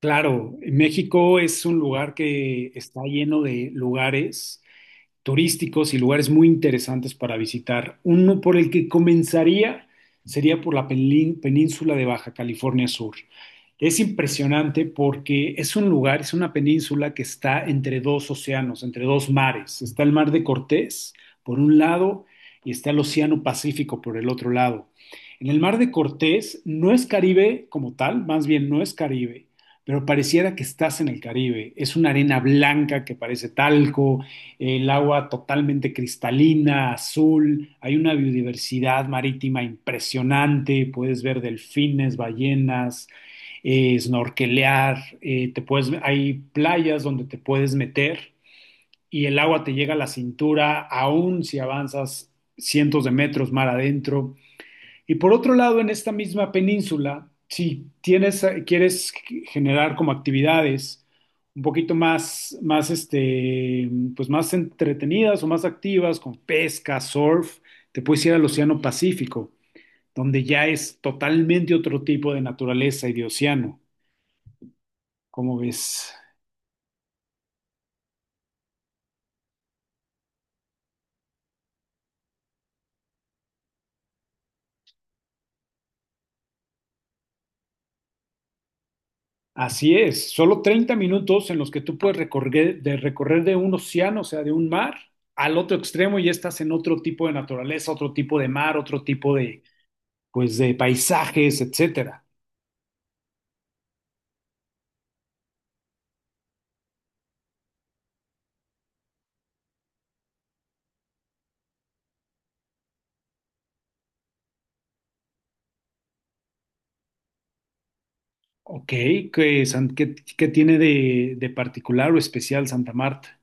Claro, México es un lugar que está lleno de lugares turísticos y lugares muy interesantes para visitar. Uno por el que comenzaría sería por la península de Baja California Sur. Es impresionante porque es un lugar, es una península que está entre dos océanos, entre dos mares. Está el mar de Cortés por un lado y está el Océano Pacífico por el otro lado. En el mar de Cortés no es Caribe como tal, más bien no es Caribe, pero pareciera que estás en el Caribe. Es una arena blanca que parece talco, el agua totalmente cristalina, azul, hay una biodiversidad marítima impresionante, puedes ver delfines, ballenas, snorkelear, te puedes, hay playas donde te puedes meter y el agua te llega a la cintura, aún si avanzas cientos de metros mar adentro. Y por otro lado, en esta misma península, si tienes, quieres generar como actividades un poquito más, pues más entretenidas o más activas, con pesca, surf, te puedes ir al Océano Pacífico, donde ya es totalmente otro tipo de naturaleza y de océano. ¿Cómo ves? Así es, solo 30 minutos en los que tú puedes recorrer de un océano, o sea, de un mar al otro extremo y ya estás en otro tipo de naturaleza, otro tipo de mar, otro tipo de, pues, de paisajes, etcétera. Ok, ¿ qué tiene de particular o especial Santa Marta?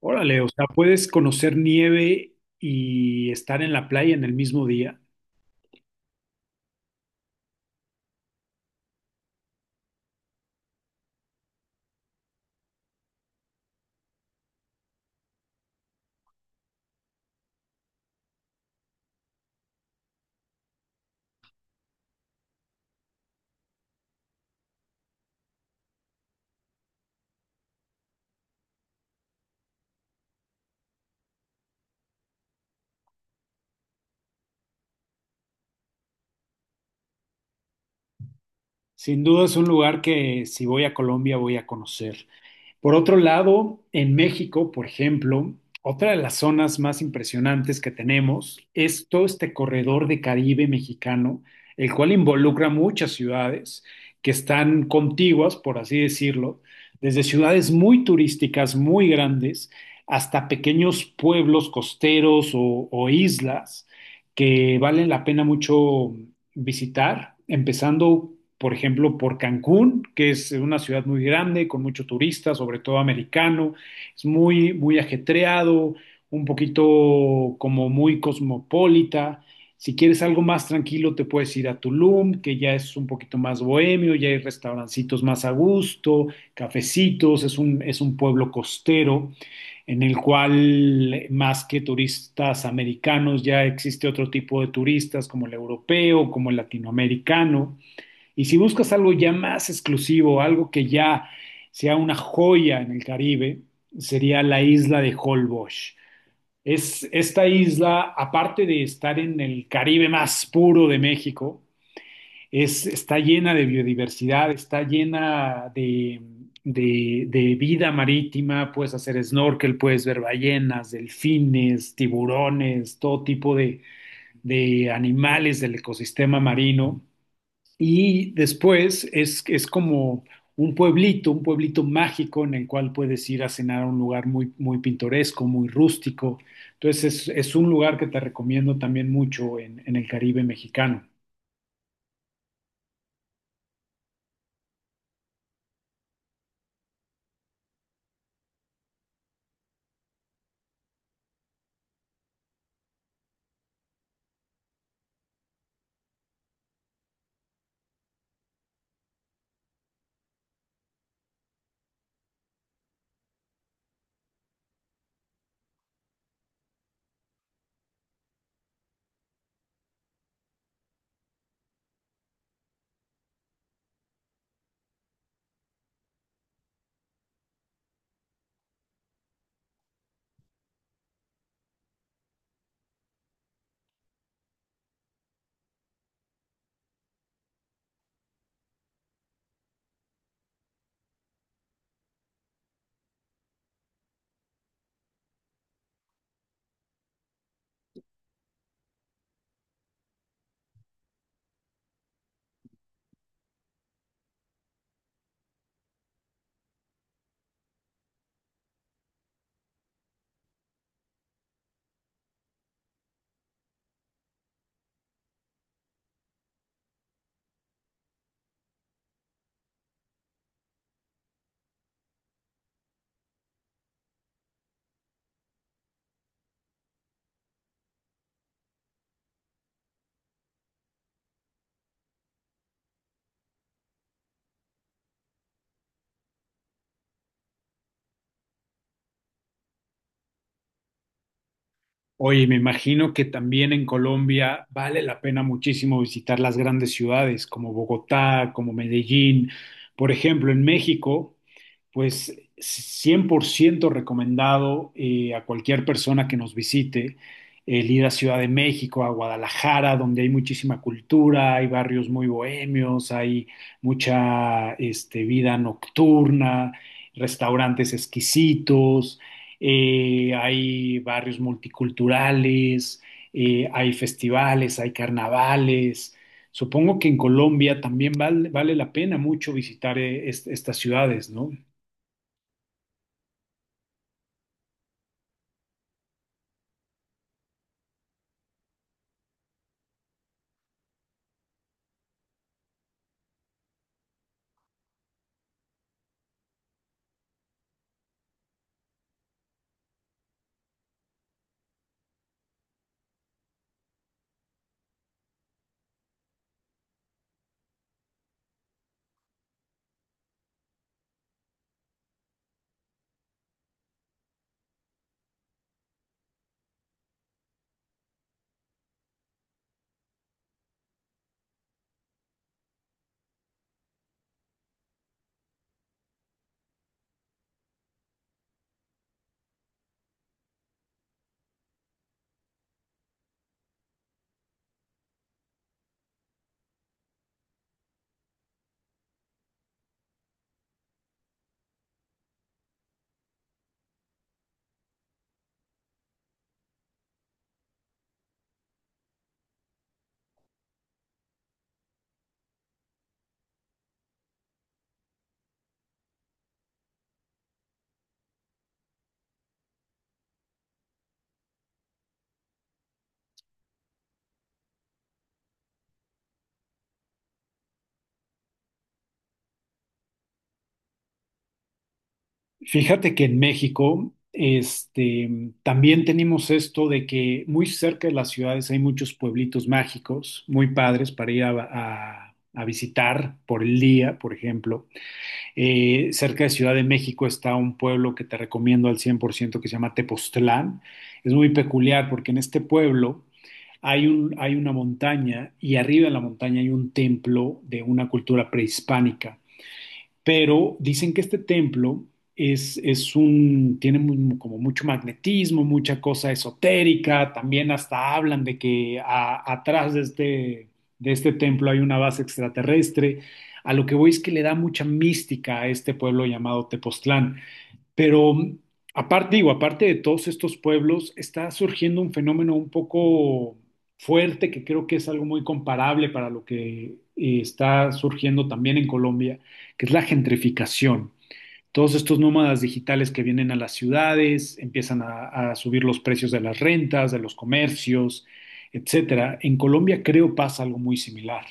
Órale, o sea, puedes conocer nieve y estar en la playa en el mismo día. Sin duda es un lugar que si voy a Colombia voy a conocer. Por otro lado, en México, por ejemplo, otra de las zonas más impresionantes que tenemos es todo este corredor de Caribe mexicano, el cual involucra muchas ciudades que están contiguas, por así decirlo, desde ciudades muy turísticas, muy grandes, hasta pequeños pueblos costeros o islas que valen la pena mucho visitar, empezando, por ejemplo, por Cancún, que es una ciudad muy grande, con mucho turista, sobre todo americano, es muy, muy ajetreado, un poquito como muy cosmopolita. Si quieres algo más tranquilo, te puedes ir a Tulum, que ya es un poquito más bohemio, ya hay restaurancitos más a gusto, cafecitos, es un pueblo costero en el cual más que turistas americanos ya existe otro tipo de turistas como el europeo, como el latinoamericano. Y si buscas algo ya más exclusivo, algo que ya sea una joya en el Caribe, sería la isla de Holbox. Es esta isla, aparte de estar en el Caribe más puro de México, está llena de biodiversidad, está llena de, de vida marítima, puedes hacer snorkel, puedes ver ballenas, delfines, tiburones, todo tipo de animales del ecosistema marino. Y después es como un pueblito mágico en el cual puedes ir a cenar a un lugar muy, muy pintoresco, muy rústico. Entonces es un lugar que te recomiendo también mucho en el Caribe mexicano. Oye, me imagino que también en Colombia vale la pena muchísimo visitar las grandes ciudades como Bogotá, como Medellín. Por ejemplo, en México pues 100% recomendado a cualquier persona que nos visite el ir a Ciudad de México, a Guadalajara, donde hay muchísima cultura, hay barrios muy bohemios, hay mucha este, vida nocturna, restaurantes exquisitos, hay barrios multiculturales, hay festivales, hay carnavales. Supongo que en Colombia también vale la pena mucho visitar estas ciudades, ¿no? Fíjate que en México, este, mm, también tenemos esto de que muy cerca de las ciudades hay muchos pueblitos mágicos, muy padres para ir a, a visitar por el día, por ejemplo. Cerca de Ciudad de México está un pueblo que te recomiendo al 100% que se llama Tepoztlán. Es muy peculiar porque en este pueblo hay una montaña y arriba en la montaña hay un templo de una cultura prehispánica. Pero dicen que este templo tiene como mucho magnetismo, mucha cosa esotérica, también hasta hablan de que atrás de este templo hay una base extraterrestre. A lo que voy es que le da mucha mística a este pueblo llamado Tepoztlán. Pero aparte, digo, aparte de todos estos pueblos, está surgiendo un fenómeno un poco fuerte que creo que es algo muy comparable para lo que está surgiendo también en Colombia, que es la gentrificación. Todos estos nómadas digitales que vienen a las ciudades, empiezan a subir los precios de las rentas, de los comercios, etcétera. En Colombia creo pasa algo muy similar.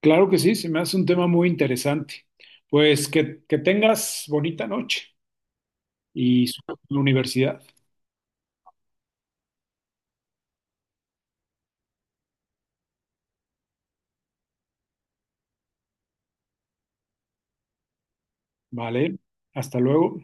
Claro que sí, se me hace un tema muy interesante. Pues que tengas bonita noche y suerte en la universidad. ¿Vale? Hasta luego.